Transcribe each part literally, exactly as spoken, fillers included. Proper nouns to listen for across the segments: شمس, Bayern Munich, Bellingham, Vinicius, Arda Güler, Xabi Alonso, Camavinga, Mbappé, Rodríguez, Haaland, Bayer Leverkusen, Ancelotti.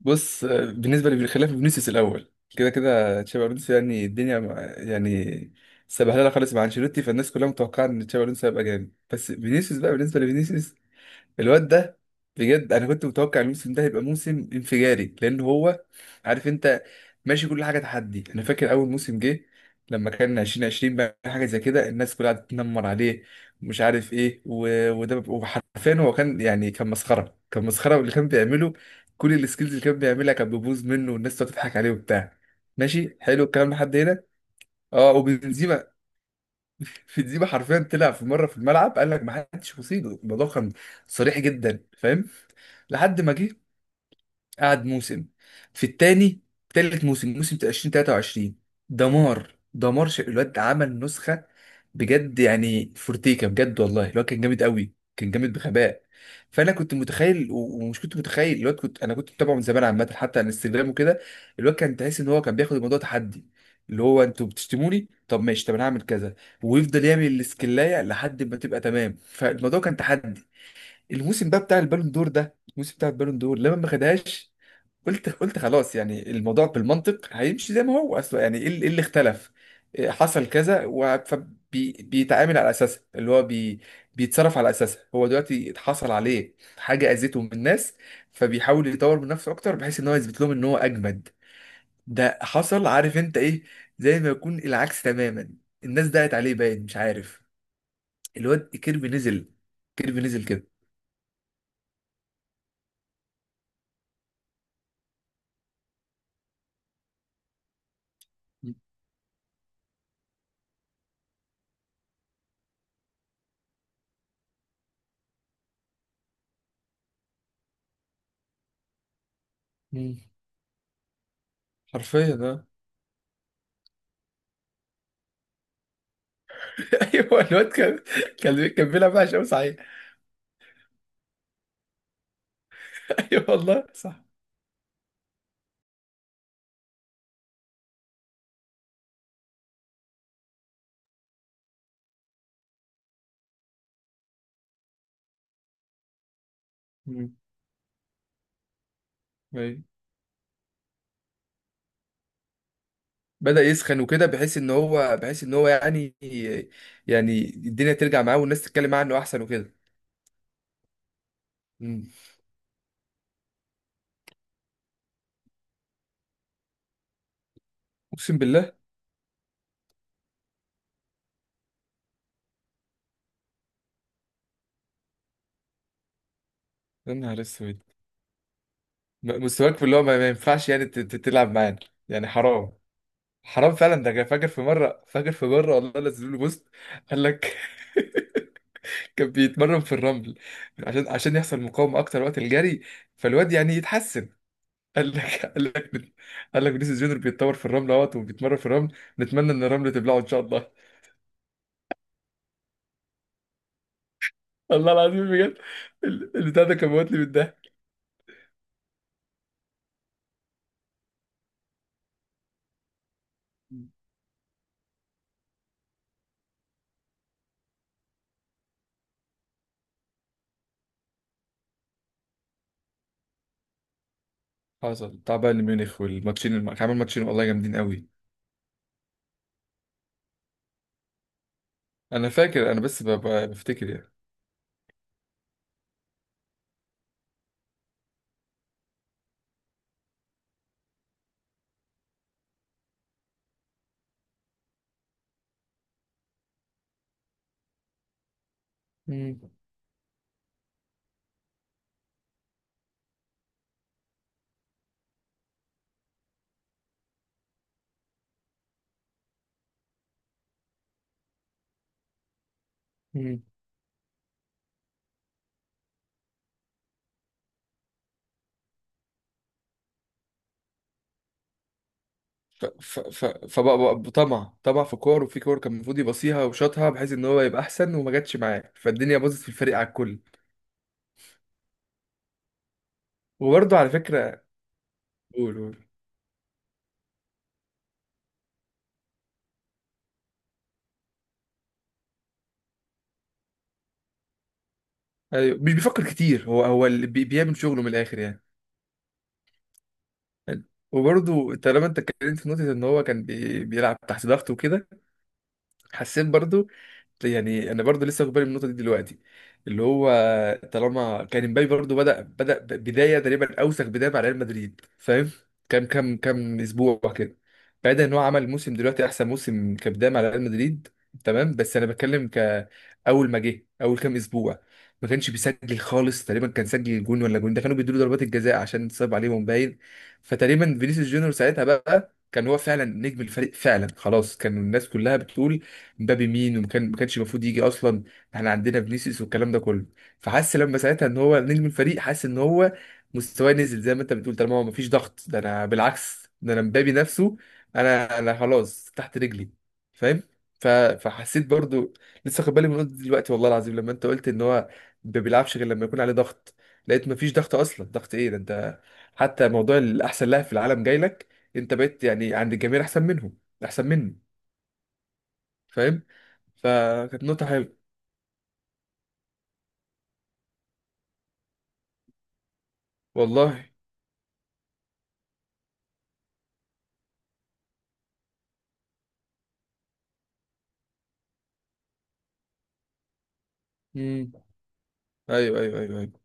بص آه، بالنسبة لي خلاف فينيسيوس الأول كده كده تشابي ألونسو يعني الدنيا مع- يعني سبهلله خالص مع أنشيلوتي، فالناس كلها متوقعة إن تشابي ألونسو هيبقى جامد. بس فينيسيوس بقى، بالنسبة لفينيسيوس الواد ده، بجد انا كنت متوقع الموسم ده هيبقى موسم انفجاري لان هو عارف انت ماشي كل حاجه تحدي. انا فاكر اول موسم جه لما كان ألفين وعشرين بقى حاجه زي كده الناس كلها قعدت تنمر عليه ومش عارف ايه و- وده، وحرفيا هو كان يعني كان مسخره، كان مسخره اللي كان بيعمله. كل السكيلز اللي كان بيعملها كان بيبوظ منه والناس تقعد تضحك عليه وبتاع. ماشي حلو الكلام لحد هنا. اه وبنزيما في ديبا حرفيا طلع في مره في الملعب قال لك ما حدش يصيده. الموضوع كان صريح جدا فاهم. لحد ما جه قعد موسم في التاني، تالت موسم موسم ألفين وتلاتاشر دمار دمار ش- الواد عمل نسخة بجد يعني فورتيكا، بجد والله الواد كان جامد قوي، كان جامد بغباء. فانا كنت متخيل و- ومش كنت متخيل الواد، كنت انا كنت متابعه من زمان عامه حتى على الانستجرام وكده. الواد كان تحس ان هو كان بياخد الموضوع تحدي، اللي هو انتوا بتشتموني، طب ماشي طب انا هعمل كذا. ويفضل يعمل الاسكلايه لحد ما تبقى تمام، فالموضوع كان تحدي. الموسم بقى بتاع البالون دور ده، الموسم بتاع البالون دور لما ما خدهاش، قلت قلت خلاص يعني الموضوع بالمنطق هيمشي زي ما هو اصلا. يعني ايه اللي إيه اللي اختلف، إيه حصل كذا و- فبي- بيتعامل على اساسها، اللي هو بي بيتصرف على اساسها. هو دلوقتي اتحصل عليه حاجه اذته من الناس، فبيحاول يطور من نفسه اكتر بحيث ان هو يثبت لهم ان هو اجمد. ده حصل عارف انت ايه، زي ما يكون العكس تماما. الناس دعت عليه باين مش عارف. الواد كيربي نزل، كيربي نزل كده. مم. حرفيا اه. ايوه الواد كان كان كان بيلعب وحش قوي صحيح. ايوه والله صح. مم. أيوة. بدأ يسخن وكده بحيث ان هو بحيث ان هو يعني يعني الدنيا ترجع معاه والناس تتكلم معاه انه احسن وكده. مم. اقسم بالله. يا نهار اسود. م- مستواك في اللي هو ما ما ينفعش يعني ت- ت- تلعب معانا يعني، حرام. حرام فعلا. ده أنا فاكر في مره، فاكر في مره والله نزلوا له بوست، قال لك كان بيتمرن في الرمل عشان عشان يحصل مقاومه اكتر وقت الجري فالواد يعني يتحسن. قال لك قال لك قال لك فينيسيوس جونيور بيتطور في الرمل اهوت وبيتمرن في الرمل، نتمنى ان الرمل تبلعه ان شاء الله. الله العظيم بجد. ال- البتاع ده كان موتني بالضحك. حصل بتاع بايرن ميونخ والماتشين الم- كان عامل ماتشين والله جامدين قوي. انا فاكر، انا بس ب- ب- بفتكر يعني. مم. مم. ف ف ف فبقى بقى طمع، طمع في كور وفي كور كان المفروض يبصيها وشاطها بحيث ان هو يبقى احسن، وما جاتش معاه فالدنيا باظت في الفريق على الكل. وبرضه على فكره، قول قول. ايوه مش بيفكر كتير، هو هو اللي بي- بيعمل شغله من الاخر يعني. حلو. وبرضه طالما انت اتكلمت في نقطة ان هو كان بي... بيلعب تحت ضغط وكده، حسيت برضو يعني. انا برضو لسه واخد بالي من النقطه دي دلوقتي، اللي هو طالما كان امبابي برضو بدا بدا بدايه تقريبا اوسخ بدايه مع ريال مدريد فاهم. كام كام كام اسبوع كده، بعيدا ان هو عمل موسم دلوقتي احسن موسم كبدايه مع ريال مدريد تمام، بس انا بتكلم كاول ما جه اول كام اسبوع ما كانش بيسجل خالص تقريبا، كان سجل جون ولا جون ده كانوا بيدوا له ضربات الجزاء عشان صعب عليهم باين. فتقريبا فينيسيوس جونيور ساعتها بقى كان هو فعلا نجم الفريق فعلا. خلاص كان الناس كلها بتقول مبابي مين وما كان- ما كانش المفروض يجي اصلا، احنا عندنا فينيسيوس والكلام ده كله. فحس لما ساعتها ان هو نجم الفريق، حس ان هو مستواه نزل زي ما انت بتقول طالما هو مفيش ضغط. ده انا بالعكس، ده انا مبابي نفسه، انا انا خلاص تحت رجلي فاهم. ف... فحسيت برضو، لسه واخد بالي من نقطة دلوقتي والله العظيم لما انت قلت ان هو ما بيلعبش غير لما يكون عليه ضغط. لقيت مفيش ضغط اصلا، ضغط ايه ده انت حتى موضوع الاحسن لاعب في العالم جاي لك، انت بقيت يعني عند الجميع احسن منهم، احسن مني فاهم. فكانت نقطة حلوة. والله. امم. ايوه ايوه ايوه ايوه.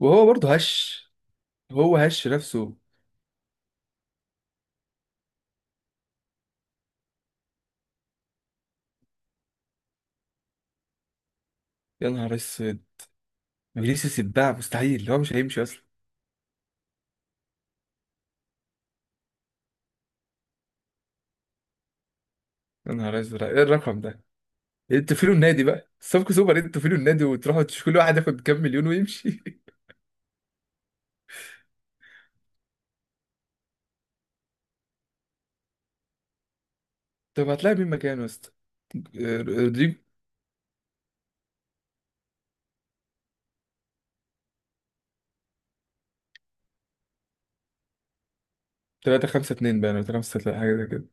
وهو برضه هش، هو هش نفسه. يا نهار اسود، فينيسيوس يتباع مستحيل، هو مش هيمشي اصلا. يا نهار اسود، ايه الرقم ده. إيه انتوا فين النادي بقى الصفقة سوبر، إيه انتوا فين النادي وتروحوا تش- كل واحد ياخد كام مليون ويمشي. طب هتلاقي مين مكانه يا اسطى، آه، رودريجو؟ ثلاثة خمسة اتنين باين ولا ثلاثة ستة حاجه زي كده.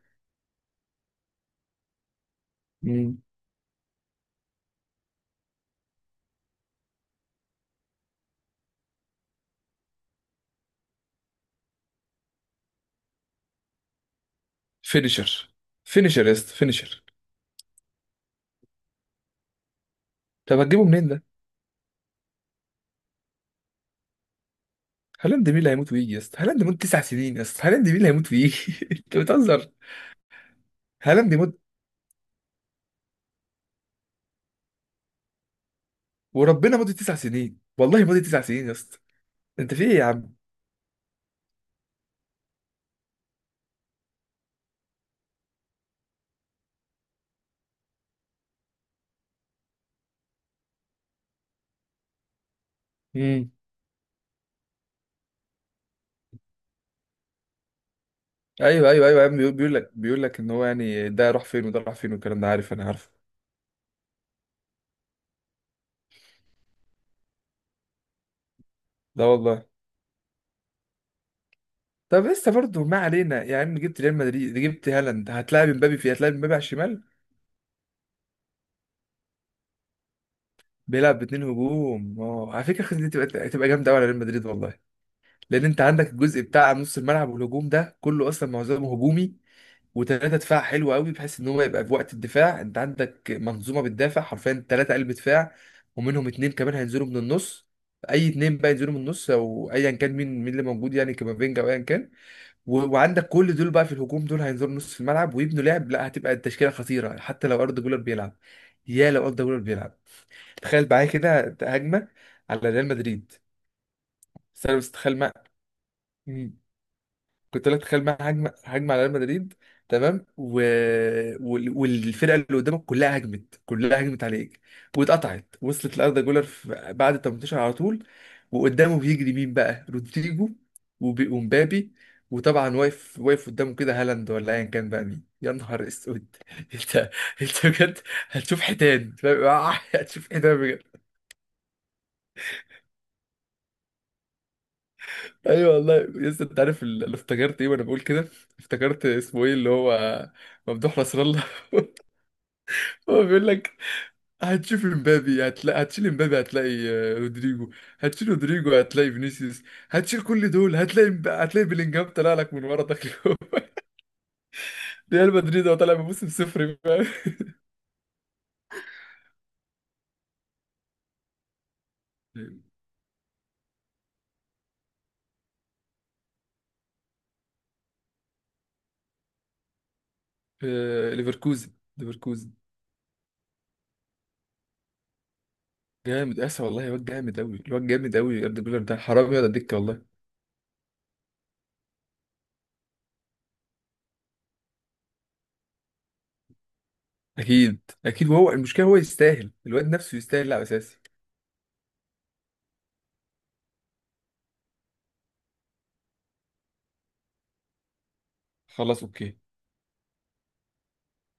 امم. فينيشر، فينيشر يا اسطى، فينيشر. طب هتجيبه منين ده؟ هالاند مين اللي هيموت ويجي يا اسطى، هالاند مين تسع سنين يا اسطى، هالاند مين اللي هيموت ويجي؟ انت بتهزر. هالاند مد، وربنا مدة تسع سنين، والله مدة تسع سنين يا اسطى. انت في ايه يا عم؟ امم. ايوه ايوه ايوه يا عم بيقول، بيقول لك بيقول لك ان هو يعني ده راح فين وده راح فين والكلام ده، عارف انا عارف. لا والله. طب لسه برضه ما علينا، يا عم جبت ريال مدريد، جبت هالاند، هتلاعب امبابي في هتلاعب امبابي على الشمال. بيلعب باتنين هجوم اه. على فكره الخطة دي تبقى تبقى جامده قوي على ريال مدريد والله. لان انت عندك الجزء بتاع نص الملعب والهجوم ده كله اصلا معظمه هجومي، وثلاثه دفاع حلو قوي بحيث ان هو يبقى في وقت الدفاع انت عندك منظومه بتدافع حرفيا، ثلاثه قلب دفاع، ومنهم اتنين كمان هينزلوا من النص. اي اتنين بقى ينزلوا من النص او ايا كان، مين مين اللي موجود يعني كامافينجا او ايا كان. و- وعندك كل دول بقى في الهجوم دول هينزلوا نص في الملعب ويبنوا لعب، لا هتبقى التشكيله خطيره حتى لو اردا جولر بيلعب، يا لو اردا جولر بيلعب. تخيل معايا كده هجمه على ريال مدريد. بس انا مستخيل، كنت لك تخيل بقى، هجمه هجمه على ريال مدريد تمام. و... وال- والفرقه اللي قدامك كلها هجمت، كلها هجمت عليك، واتقطعت وصلت لاردا جولر في... بعد ال تمنتاشر على طول، وقدامه بيجري مين بقى، رودريجو وب... ومبابي، وطبعا واقف واقف قدامه كده هالاند ولا ايا كان بقى مين. يا نهار اسود انت، انت بجد هتشوف حيتان فاهم؟ هتشوف حيتان. ايوه والله. يس، انت عارف اللي افتكرت ايه وانا بقول كده؟ افتكرت اسمه ايه اللي هو ممدوح نصر الله. هو بيقول لك هتشوف امبابي، هتلاقي هتشيل امبابي هتلاقي آه، رودريجو، هتشيل رودريجو هتلاقي فينيسيوس، هتشيل كل دول هتلاقي مب- هتلاقي بيلينجهام طلع لك من ورا داخل جوه. ريال مدريد هو طالع بموسم صفر فاهم؟ آه، ليفركوزن، ليفركوزن جامد اسا والله. الواد جامد قوي، الواد جامد قوي يا ابن الجولر، ده حرام يقعد على الدكه والله. اكيد، اكيد. وهو المشكله هو يستاهل، الواد نفسه يستاهل لاعب اساسي. خلاص اوكي.